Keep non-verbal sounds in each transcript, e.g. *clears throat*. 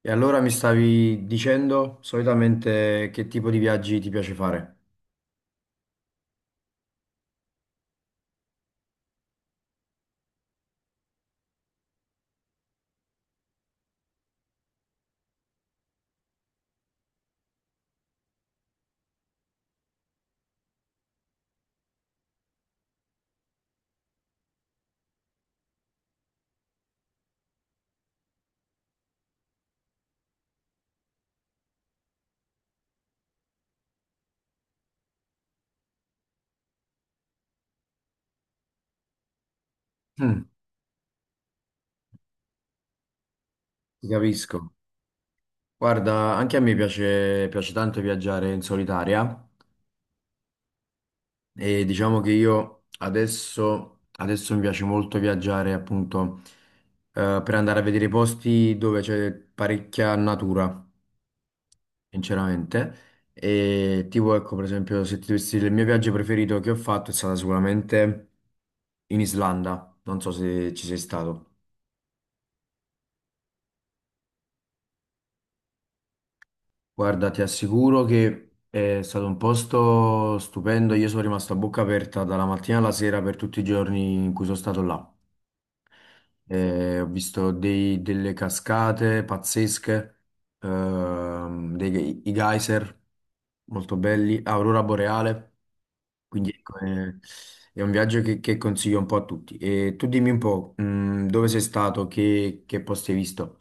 E allora mi stavi dicendo solitamente che tipo di viaggi ti piace fare? Mm, ti capisco. Guarda, anche a me piace, piace tanto viaggiare in solitaria e diciamo che io adesso mi piace molto viaggiare appunto per andare a vedere posti dove c'è parecchia natura, sinceramente. E tipo, ecco, per esempio, se ti dovessi dire il mio viaggio preferito che ho fatto è stato sicuramente in Islanda. Non so se ci sei stato. Guarda, ti assicuro che è stato un posto stupendo. Io sono rimasto a bocca aperta dalla mattina alla sera per tutti i giorni in cui sono stato là. Ho visto delle cascate pazzesche, dei, i geyser molto belli, Aurora Boreale. Quindi ecco, è un viaggio che consiglio un po' a tutti. E tu dimmi un po', dove sei stato, che posti hai visto?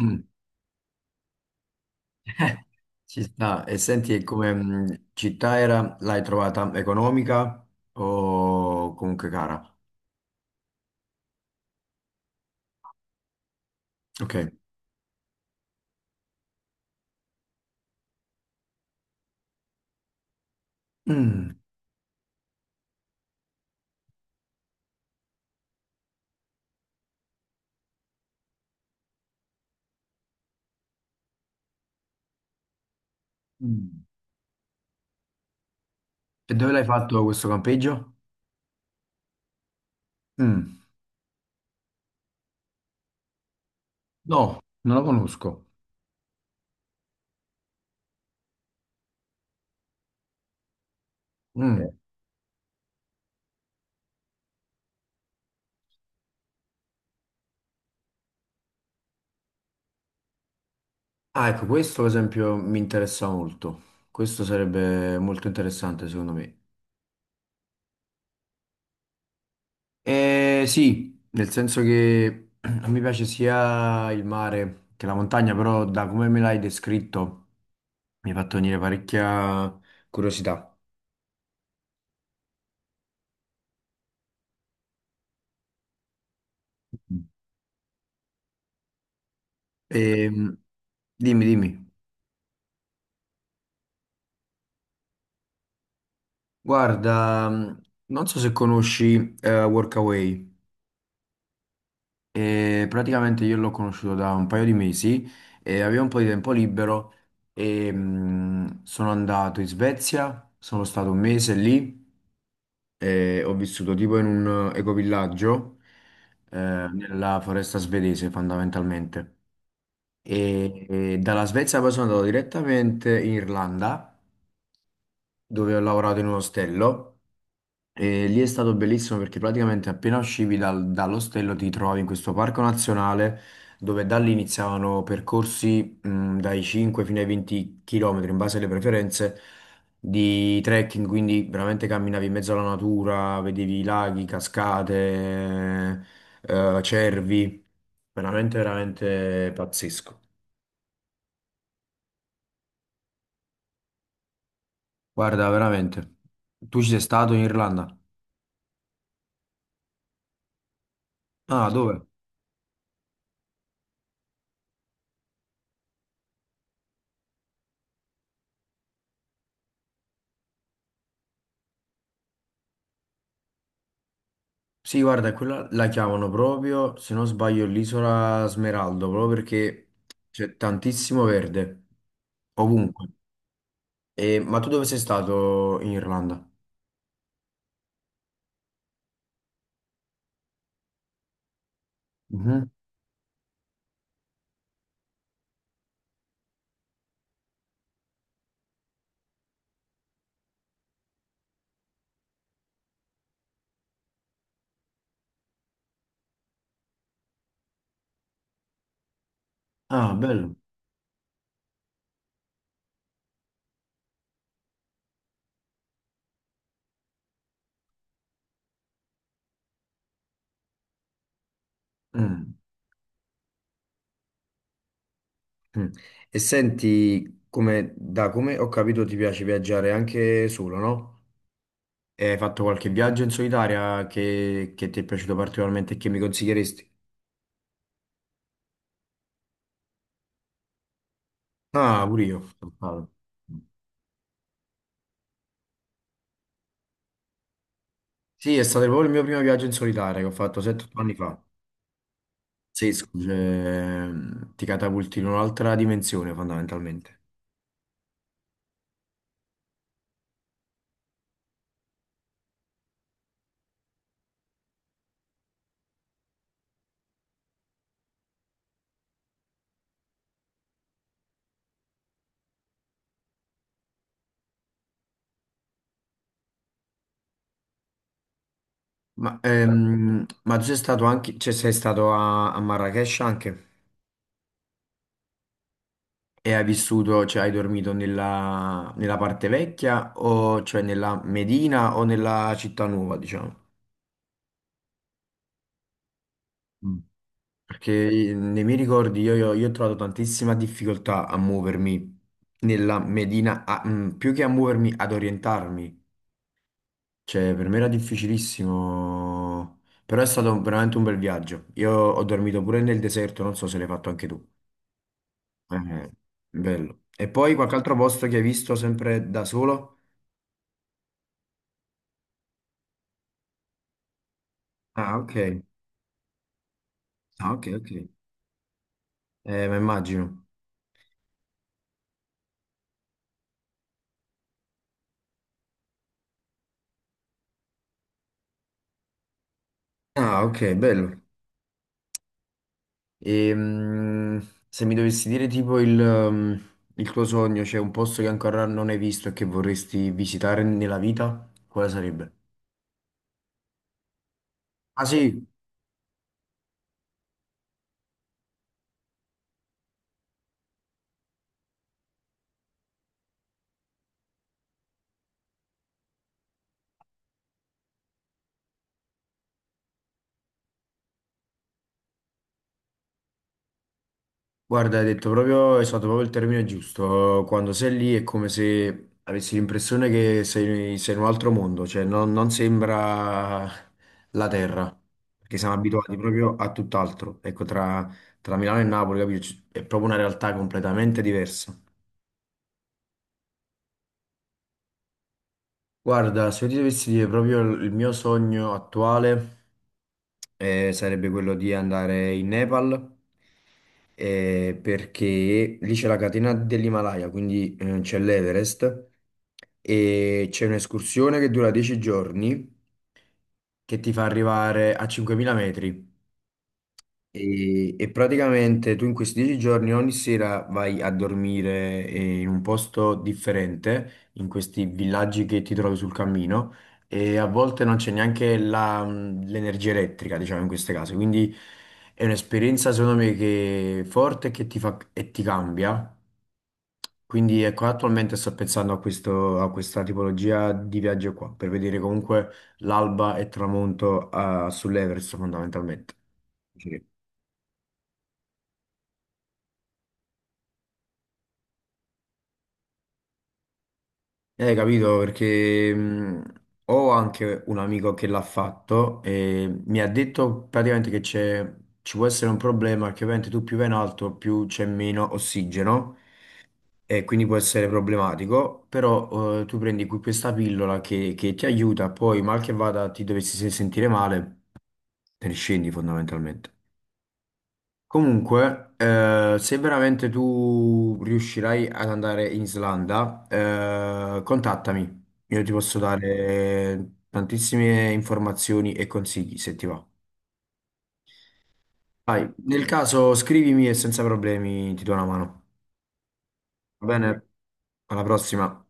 Mm. Ah, e senti, e come città era, l'hai trovata economica o comunque cara? Ok. Mm. Mm. E dove l'hai fatto questo campeggio? Mm. No, non lo conosco. Mm. Ah, ecco, questo ad esempio mi interessa molto. Questo sarebbe molto interessante secondo me. Sì, nel senso che *clears throat* a me piace sia il mare che la montagna, però da come me l'hai descritto mi hai fatto venire parecchia curiosità. Ehm, dimmi. Guarda, non so se conosci Workaway. Praticamente io l'ho conosciuto da un paio di mesi e avevo un po' di tempo libero e sono andato in Svezia, sono stato un mese lì e ho vissuto tipo in un ecovillaggio nella foresta svedese fondamentalmente. E, e dalla Svezia poi sono andato direttamente in Irlanda dove ho lavorato in un ostello. E lì è stato bellissimo perché praticamente appena uscivi dall'ostello ti trovavi in questo parco nazionale dove da lì iniziavano percorsi dai 5 fino ai 20 km in base alle preferenze di trekking, quindi veramente camminavi in mezzo alla natura, vedevi laghi, cascate, cervi, veramente pazzesco. Guarda, veramente. Tu ci sei stato in Irlanda? Ah, dove? Sì, guarda, quella la chiamano proprio, se non sbaglio, l'isola Smeraldo, proprio perché c'è tantissimo verde, ovunque. Ma tu dove sei stato in Irlanda? Mhm. Ah, bello. Mm, mm. E senti, come, da come ho capito ti piace viaggiare anche solo, no? E hai fatto qualche viaggio in solitaria che ti è piaciuto particolarmente e che mi consiglieresti? Ah, pure io sono stato. Sì, è stato proprio il mio primo viaggio in solitaria che ho fatto 7-8 anni fa. Sì, scusa, ti catapulti in un'altra dimensione fondamentalmente. Ma certo. Ma tu sei stato anche, cioè sei stato a, a Marrakech anche e hai vissuto, cioè hai dormito nella, nella parte vecchia o cioè nella Medina o nella città nuova, diciamo? Mm. Perché nei miei ricordi io ho trovato tantissima difficoltà a muovermi nella Medina, più che a muovermi, ad orientarmi. Cioè, per me era difficilissimo, però è stato veramente un bel viaggio. Io ho dormito pure nel deserto, non so se l'hai fatto anche tu. Eh, bello. E poi qualche altro posto che hai visto sempre da solo? Ah, ok. Ah, ok, ok. Ma immagino. Ah, ok, bello. E, mm, se mi dovessi dire tipo il, mm, il tuo sogno, c'è un posto che ancora non hai visto e che vorresti visitare nella vita, quale sarebbe? Ah sì, guarda, hai detto proprio, esatto, proprio il termine giusto. Quando sei lì è come se avessi l'impressione che sei, sei in un altro mondo, cioè non, non sembra la terra, perché siamo abituati proprio a tutt'altro. Ecco, tra, tra Milano e Napoli, capito? È proprio una realtà completamente diversa. Guarda, se io ti dovessi dire proprio il mio sogno attuale, sarebbe quello di andare in Nepal perché lì c'è la catena dell'Himalaya, quindi c'è l'Everest e c'è un'escursione che dura 10 giorni che ti fa arrivare a 5000 metri. E praticamente tu in questi dieci giorni ogni sera vai a dormire in un posto differente, in questi villaggi che ti trovi sul cammino, e a volte non c'è neanche l'energia elettrica, diciamo, in queste case. Quindi è un'esperienza, secondo me, che è forte e che ti fa, e ti cambia. Quindi ecco, attualmente sto pensando a questo, a questa tipologia di viaggio qua, per vedere comunque l'alba e il tramonto sull'Everest fondamentalmente. Capito, perché ho anche un amico che l'ha fatto e mi ha detto praticamente che c'è, ci può essere un problema, che ovviamente tu più vai in alto più c'è meno ossigeno e quindi può essere problematico, però tu prendi qui questa pillola che ti aiuta, poi mal che vada ti dovessi sentire male, te ne scendi fondamentalmente. Comunque, se veramente tu riuscirai ad andare in Islanda, contattami. Io ti posso dare tantissime informazioni e consigli se ti va. Vai, nel caso scrivimi e senza problemi ti do una mano. Va bene? Alla prossima.